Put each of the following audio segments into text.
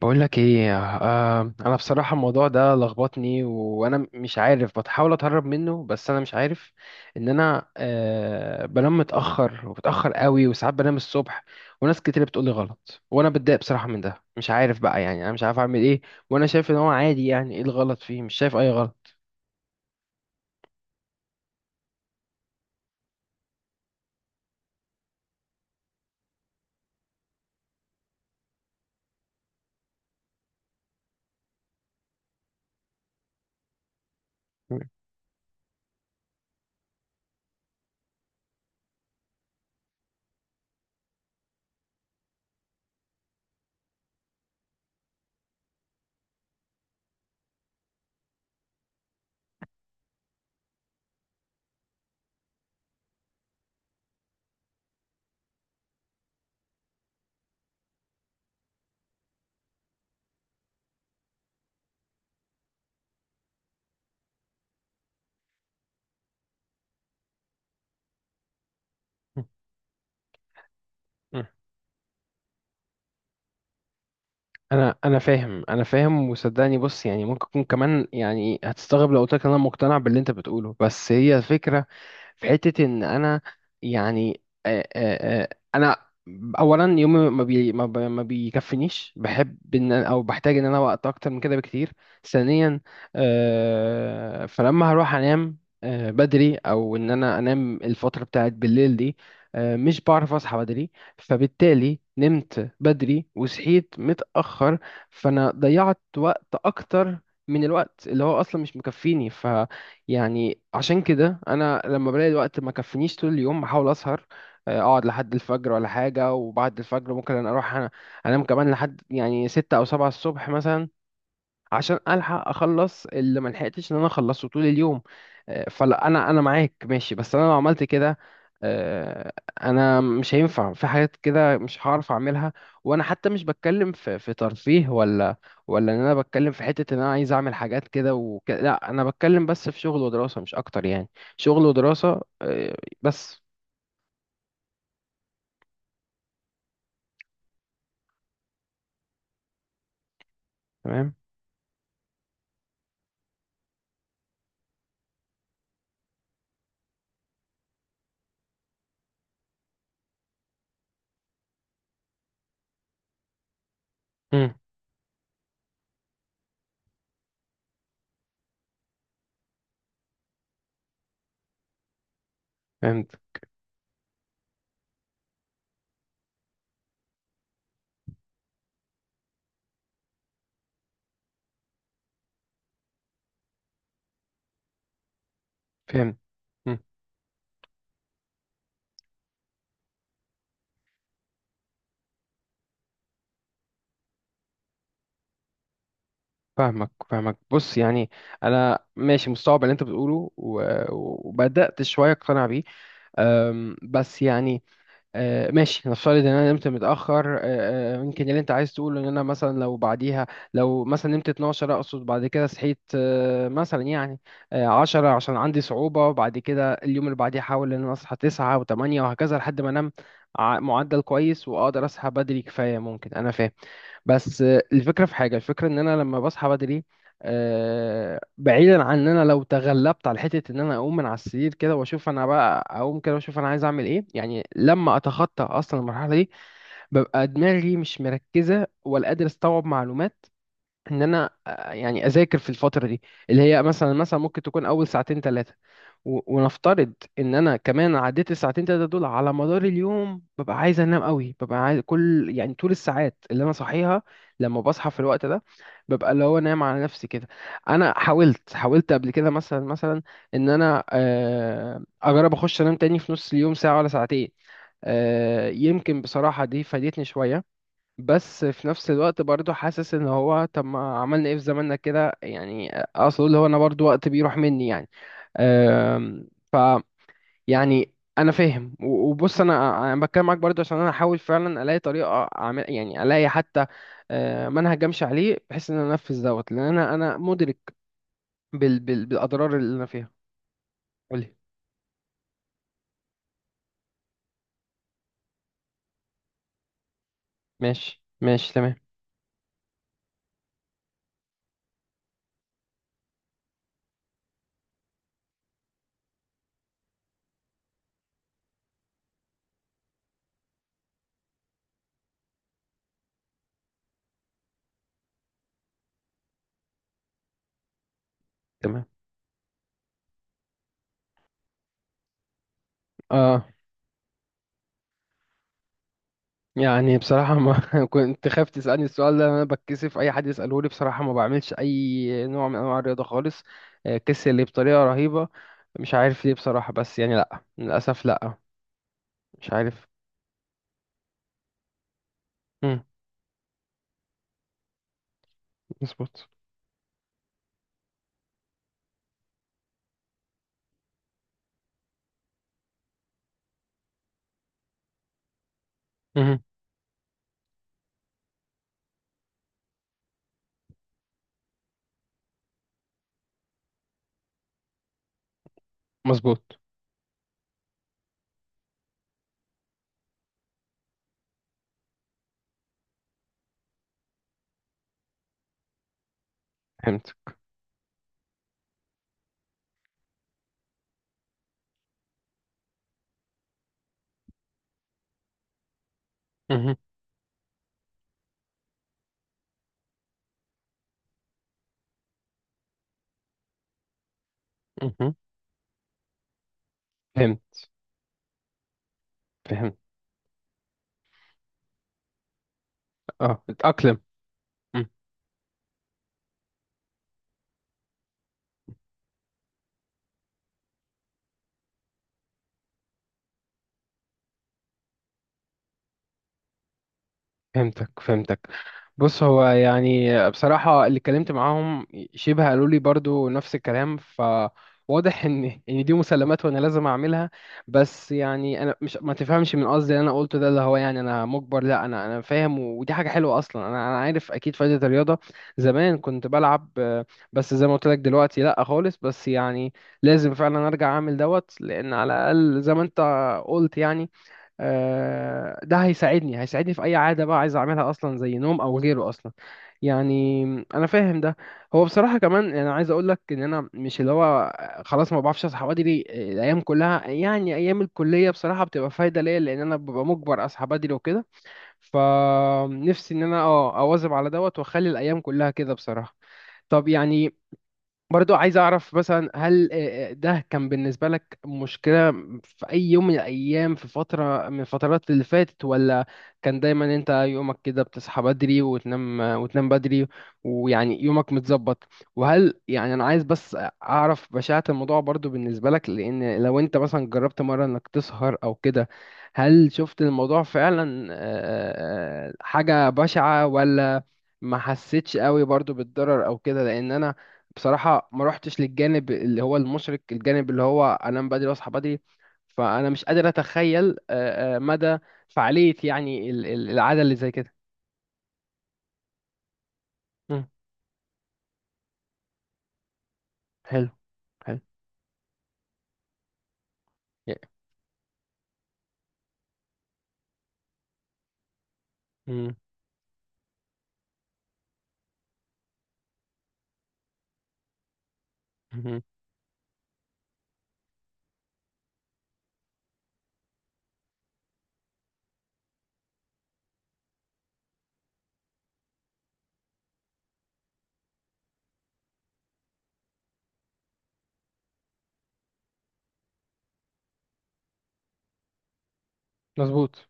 بقول لك ايه، آه، انا بصراحه الموضوع ده لخبطني وانا مش عارف، بتحاول اتهرب منه بس انا مش عارف ان انا بنام متاخر وبتاخر قوي وساعات بنام الصبح، وناس كتير بتقول لي غلط وانا بتضايق بصراحه من ده، مش عارف بقى، يعني انا مش عارف اعمل ايه، وانا شايف ان هو عادي، يعني ايه الغلط فيه؟ مش شايف اي غلط. انا فاهم، انا فاهم، وصدقني بص يعني ممكن يكون كمان، يعني هتستغرب لو قلت لك إن انا مقتنع باللي انت بتقوله، بس هي الفكره في حته ان انا يعني انا اولا يومي ما بيكفنيش، بحب ان او بحتاج ان انا وقت اكتر من كده بكتير. ثانيا، فلما هروح انام بدري او ان انا انام الفتره بتاعت بالليل دي، مش بعرف اصحى بدري. فبالتالي نمت بدري وصحيت متأخر، فأنا ضيعت وقت أكتر من الوقت اللي هو أصلا مش مكفيني. ف يعني عشان كده أنا لما بلاقي الوقت ما كفينيش طول اليوم بحاول أسهر، أقعد لحد الفجر ولا حاجة، وبعد الفجر ممكن أنا أروح أنام كمان لحد يعني ستة أو سبعة الصبح مثلا، عشان الحق اخلص اللي ما لحقتش ان انا اخلصه طول اليوم. فلا انا معاك ماشي، بس انا لو عملت كده آه، انا مش هينفع، في حاجات كده مش هعرف اعملها. وانا حتى مش بتكلم في ترفيه ولا ولا ان انا بتكلم في حتة ان انا عايز اعمل حاجات كده وكده، لا، انا بتكلم بس في شغل ودراسة مش اكتر يعني، شغل ودراسة. بس تمام. مم، فهمت. فهمت. فاهمك، فاهمك. بص يعني انا ماشي مستوعب اللي انت بتقوله و- وبدات شويه اقتنع بيه. بس يعني ماشي، نفترض ان انا نمت متاخر أه، أه، يمكن اللي انت عايز تقوله ان انا مثلا لو بعديها، لو مثلا نمت 12 اقصد، بعد كده صحيت مثلا يعني 10 عشان عندي صعوبه، وبعد كده اليوم اللي بعديه احاول ان انا اصحى 9 و8 وهكذا لحد ما انام معدل كويس واقدر اصحى بدري كفايه. ممكن انا فاهم بس الفكرة في حاجة، الفكرة ان انا لما بصحى بدري، بعيدا عن ان انا لو تغلبت على حته ان انا اقوم من على السرير كده واشوف انا بقى اقوم كده واشوف انا عايز اعمل ايه، يعني لما اتخطى اصلا المرحله دي، ببقى دماغي مش مركزه ولا قادر استوعب معلومات ان انا يعني اذاكر في الفتره دي اللي هي مثلا ممكن تكون اول ساعتين ثلاثه. ونفترض ان انا كمان عديت الساعتين تلاتة دول، على مدار اليوم ببقى عايز انام قوي، ببقى عايز كل يعني طول الساعات اللي انا صحيها لما بصحى في الوقت ده ببقى اللي هو نايم على نفسي كده. انا حاولت، حاولت قبل كده مثلا ان انا اجرب اخش انام تاني في نص اليوم ساعة ولا ساعتين. يمكن بصراحة دي فادتني شوية، بس في نفس الوقت برضو حاسس ان هو طب ما عملنا ايه في زماننا كده، يعني اقصد اللي هو انا برضو وقت بيروح مني يعني. ف يعني انا فاهم وبص انا بتكلم معاك برضو عشان انا احاول فعلا الاقي طريقه اعمل، يعني الاقي حتى منهج امشي عليه بحيث ان انا انفذ دوت لان انا مدرك بالاضرار اللي انا فيها. قولي. ماشي، ماشي تمام. تمام. اه. يعني بصراحة ما كنت خايف تسألني السؤال ده. أنا بتكسف أي حد يسأله لي بصراحة. ما بعملش أي نوع من أنواع الرياضة خالص. كسل لي بطريقة رهيبة. مش عارف ليه بصراحة، بس يعني لأ للأسف لأ، مش عارف. مم، مظبوط. مهم، مظبوط. فهمت. مهم، مهم، فهمت. فهمت، أه، أتأقلم. مم. فهمتك، فهمتك. بص هو يعني بصراحة اللي اتكلمت معاهم شبه قالوا لي برضو نفس الكلام، فواضح ان دي مسلمات وانا لازم اعملها. بس يعني انا مش، ما تفهمش من قصدي اللي انا قلته ده اللي هو يعني انا مجبر، لا، انا فاهم ودي حاجة حلوة اصلا، انا عارف اكيد فايدة الرياضة. زمان كنت بلعب، بس زي ما قلت لك دلوقتي لا خالص، بس يعني لازم فعلا ارجع اعمل دوت، لان على الاقل زي ما انت قلت يعني ده هيساعدني في اي عاده بقى عايز اعملها اصلا، زي نوم او غيره اصلا يعني. انا فاهم ده. هو بصراحه كمان انا عايز اقول لك ان انا مش اللي هو خلاص ما بعرفش اصحى بدري الايام كلها، يعني ايام الكليه بصراحه بتبقى فايده ليا، لان انا ببقى مجبر اصحى بدري وكده، فنفسي ان انا اه اواظب على دوت واخلي الايام كلها كده بصراحه. طب يعني برضو عايز اعرف، مثلا هل ده كان بالنسبة لك مشكلة في اي يوم من الايام، في فترة من الفترات اللي فاتت، ولا كان دايما انت يومك كده بتصحى بدري وتنام بدري ويعني يومك متظبط؟ وهل يعني انا عايز بس اعرف بشاعة الموضوع برضو بالنسبة لك، لان لو انت مثلا جربت مرة انك تسهر او كده، هل شفت الموضوع فعلا حاجة بشعة، ولا ما حسيتش قوي برضو بالضرر او كده؟ لان انا بصراحة ما روحتش للجانب اللي هو المشرق، الجانب اللي هو أنام بدري وأصحى بدري، فأنا مش قادر أتخيل مدى فعالية يعني العادة اللي زي كده. مم. حلو. حلو. يا- مم. مم. مظبوط.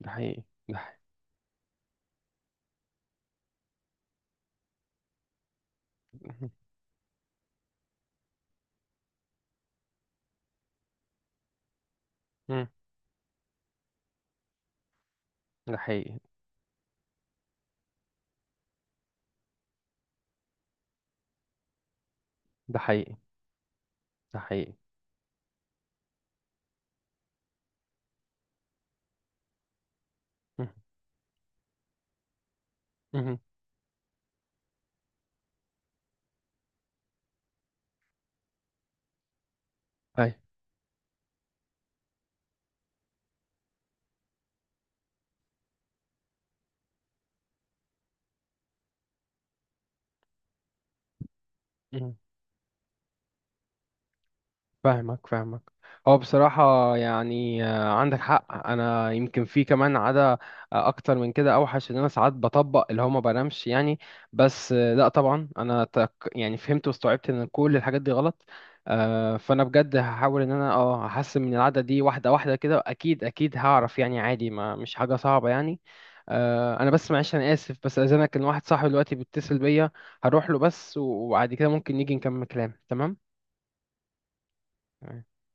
ده حقيقي. ده حقيقي. مم. ده حقيقي. ده حقيقي. ده حقيقي. مم. مم. أي. فاهمك، فاهمك. هو بصراحة يعني عندك حق. أنا يمكن في كمان عادة أكتر من كده أوحش، إن أنا ساعات بطبق اللي هو ما بنامش يعني. بس لأ طبعا أنا تك يعني فهمت واستوعبت إن كل الحاجات دي غلط. فأنا بجد هحاول إن أنا أه أحسن من العادة دي، واحدة واحدة كده أكيد أكيد هعرف، يعني عادي ما مش حاجة صعبة يعني. أنا بس معلش أنا آسف، بس أذنك إن واحد صاحبي دلوقتي بيتصل بيا، هروح له بس وبعد كده ممكن نيجي نكمل كلام، تمام؟